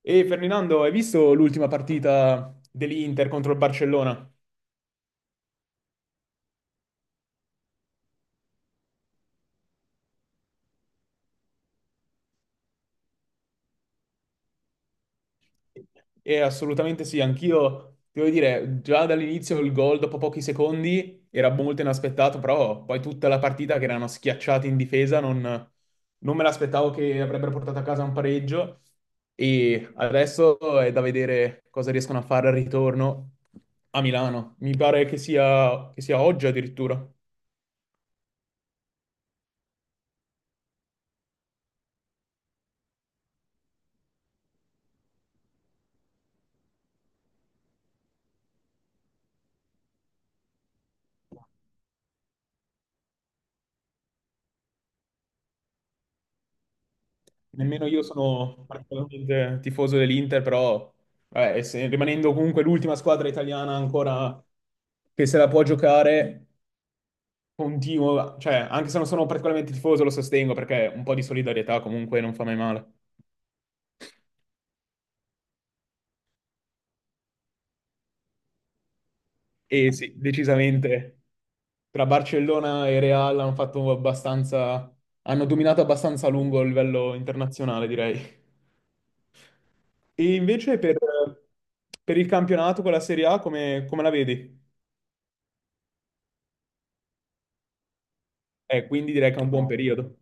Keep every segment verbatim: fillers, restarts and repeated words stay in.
E Ferdinando, hai visto l'ultima partita dell'Inter contro il Barcellona? E assolutamente sì, anch'io, ti devo dire, già dall'inizio il gol dopo pochi secondi era molto inaspettato, però poi tutta la partita che erano schiacciati in difesa non, non me l'aspettavo che avrebbero portato a casa un pareggio e adesso è da vedere cosa riescono a fare al ritorno a Milano. Mi pare che sia, che sia oggi addirittura. Nemmeno io sono particolarmente tifoso dell'Inter, però vabbè, ess- rimanendo comunque l'ultima squadra italiana ancora che se la può giocare, continuo, cioè anche se non sono particolarmente tifoso lo sostengo perché un po' di solidarietà comunque non fa mai male. E sì, decisamente tra Barcellona e Real hanno fatto abbastanza, hanno dominato abbastanza a lungo a livello internazionale, direi. E invece per, per il campionato con la Serie A come come la vedi? E quindi direi che è un buon No. periodo.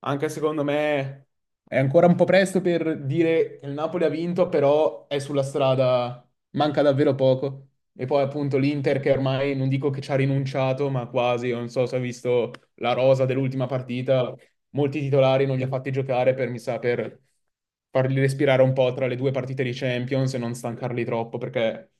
Anche secondo me è ancora un po' presto per dire che il Napoli ha vinto, però è sulla strada, manca davvero poco. E poi appunto l'Inter che ormai non dico che ci ha rinunciato, ma quasi, non so se ha visto la rosa dell'ultima partita, molti titolari non li ha fatti giocare per, mi sa, per farli respirare un po' tra le due partite di Champions e non stancarli troppo, perché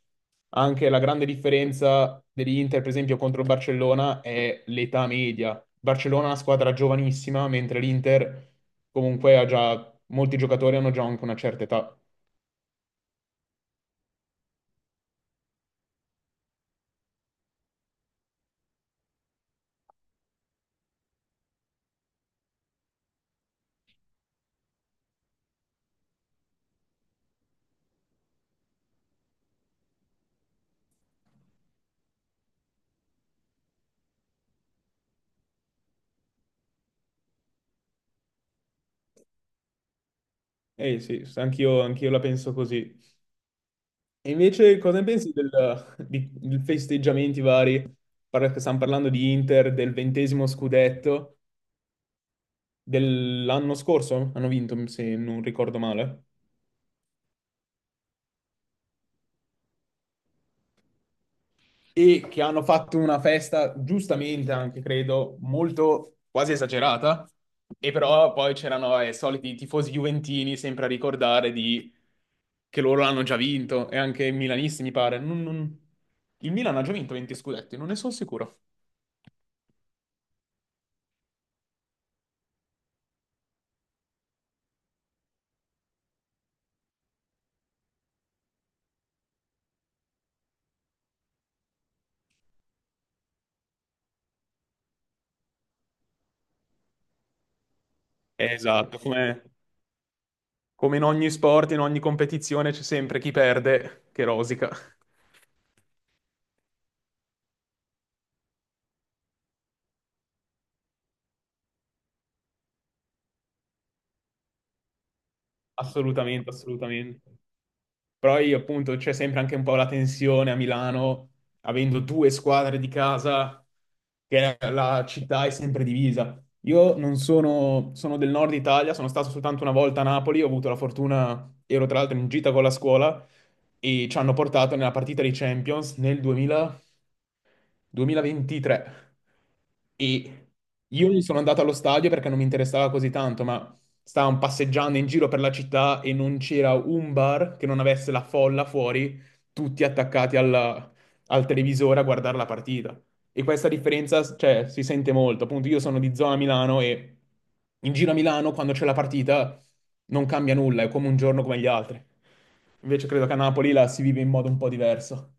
anche la grande differenza dell'Inter, per esempio, contro il Barcellona è l'età media. Il Barcellona è una squadra giovanissima, mentre l'Inter comunque ha già, molti giocatori hanno già anche una certa età. Eh sì, anch'io anch'io la penso così. E invece cosa ne pensi del, di, di festeggiamenti vari? Parla- Stiamo parlando di Inter, del ventesimo scudetto. Dell'anno scorso hanno vinto, se non ricordo male, e che hanno fatto una festa, giustamente anche credo, molto quasi esagerata. E però poi c'erano eh, i soliti tifosi juventini sempre a ricordare di... che loro l'hanno già vinto, e anche i milanisti, mi pare. Non- non- Il Milan ha già vinto venti scudetti, non ne sono sicuro. Esatto, come, come in ogni sport, in ogni competizione c'è sempre chi perde che rosica. Assolutamente, assolutamente. Però io appunto c'è sempre anche un po' la tensione a Milano, avendo due squadre di casa, che la città è sempre divisa. Io non sono, sono del nord Italia, sono stato soltanto una volta a Napoli, ho avuto la fortuna, ero tra l'altro in gita con la scuola e ci hanno portato nella partita di Champions nel duemila duemilaventitré e io non sono andato allo stadio perché non mi interessava così tanto, ma stavamo passeggiando in giro per la città e non c'era un bar che non avesse la folla fuori, tutti attaccati alla- al televisore a guardare la partita. E questa differenza, cioè, si sente molto. Appunto, io sono di zona Milano e in giro a Milano, quando c'è la partita, non cambia nulla, è come un giorno come gli altri. Invece credo che a Napoli la si vive in modo un po' diverso.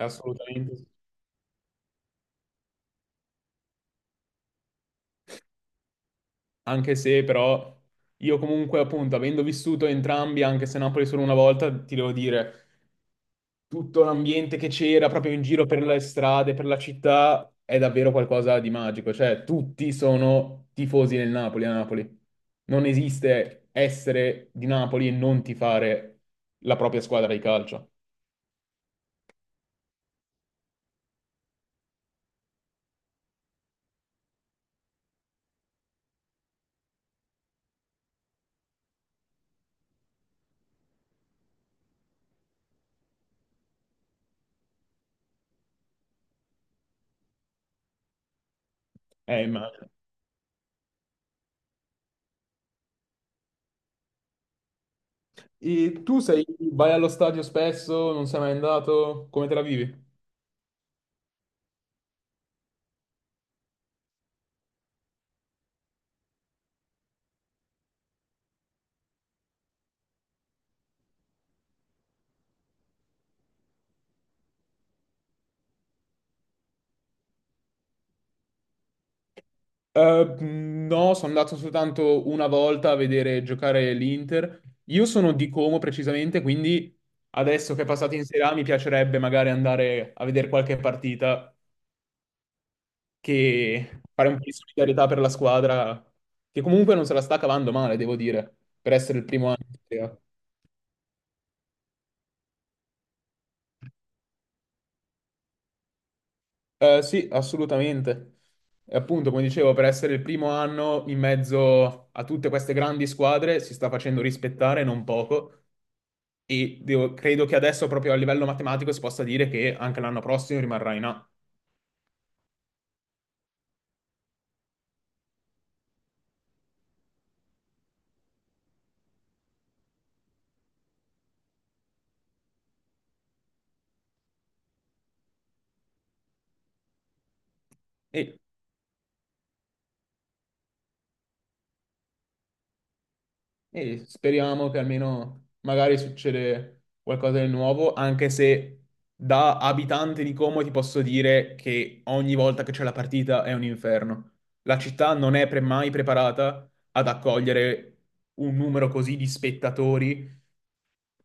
Assolutamente. Anche se però io comunque appunto avendo vissuto entrambi, anche se Napoli solo una volta, ti devo dire, tutto l'ambiente che c'era proprio in giro per le strade, per la città, è davvero qualcosa di magico. Cioè tutti sono tifosi del Napoli a Napoli. Non esiste essere di Napoli e non tifare la propria squadra di calcio. Eh, immagino. E tu sei, vai allo stadio spesso, non sei mai andato, come te la vivi? Eh, no, sono andato soltanto una volta a vedere giocare l'Inter. Io sono di Como precisamente, quindi adesso che è passato in Serie A mi piacerebbe magari andare a vedere qualche partita che fare un po' di solidarietà per la squadra, che comunque non se la sta cavando male, devo dire, per essere il primo anno in Serie A. Eh, sì, assolutamente. E appunto, come dicevo, per essere il primo anno in mezzo a tutte queste grandi squadre si sta facendo rispettare non poco. E devo- credo che adesso, proprio a livello matematico, si possa dire che anche l'anno prossimo rimarrà in A. E E speriamo che almeno magari succede qualcosa di nuovo, anche se da abitante di Como ti posso dire che ogni volta che c'è la partita è un inferno. La città non è pre- mai preparata ad accogliere un numero così di spettatori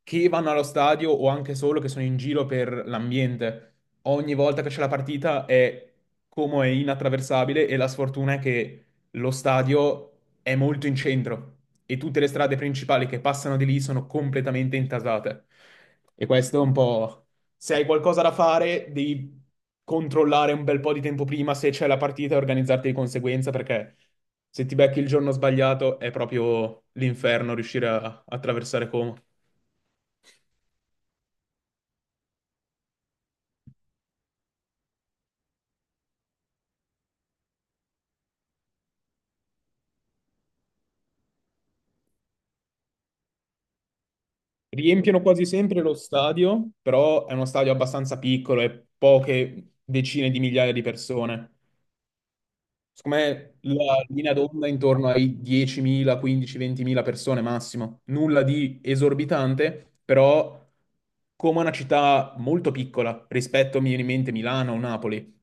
che vanno allo stadio o anche solo che sono in giro per l'ambiente. Ogni volta che c'è la partita è come è inattraversabile e la sfortuna è che lo stadio è molto in centro e tutte le strade principali che passano di lì sono completamente intasate. E questo è un po'... Se hai qualcosa da fare, devi controllare un bel po' di tempo prima se c'è la partita e organizzarti di conseguenza perché... Se ti becchi il giorno sbagliato è proprio l'inferno riuscire a a attraversare Como. Riempiono quasi sempre lo stadio, però è uno stadio abbastanza piccolo e poche decine di migliaia di persone. Secondo me la linea d'onda è intorno ai diecimila, quindici, ventimila persone massimo. Nulla di esorbitante, però come una città molto piccola rispetto, mi viene in mente, Milano o Napoli.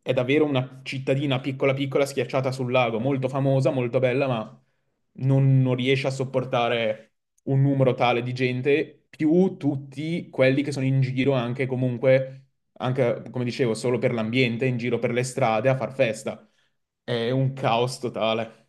È davvero una cittadina piccola piccola schiacciata sul lago, molto famosa, molto bella, ma non, non riesce a sopportare un numero tale di gente, più tutti quelli che sono in giro anche comunque, anche come dicevo, solo per l'ambiente, in giro per le strade a far festa. È un caos totale,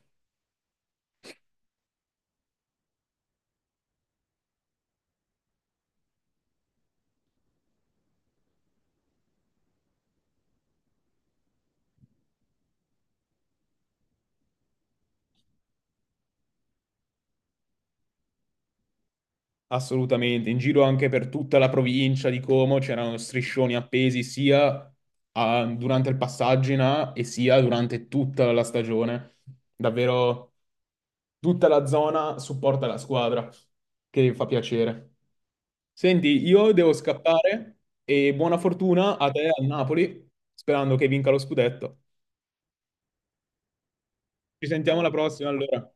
assolutamente. In giro anche per tutta la provincia di Como c'erano striscioni appesi sia ah, durante il passaggio in A e sia durante tutta la stagione. Davvero tutta la zona supporta la squadra, che fa piacere. Senti, io devo scappare e buona fortuna a te al Napoli, sperando che vinca lo scudetto. Ci sentiamo alla prossima allora.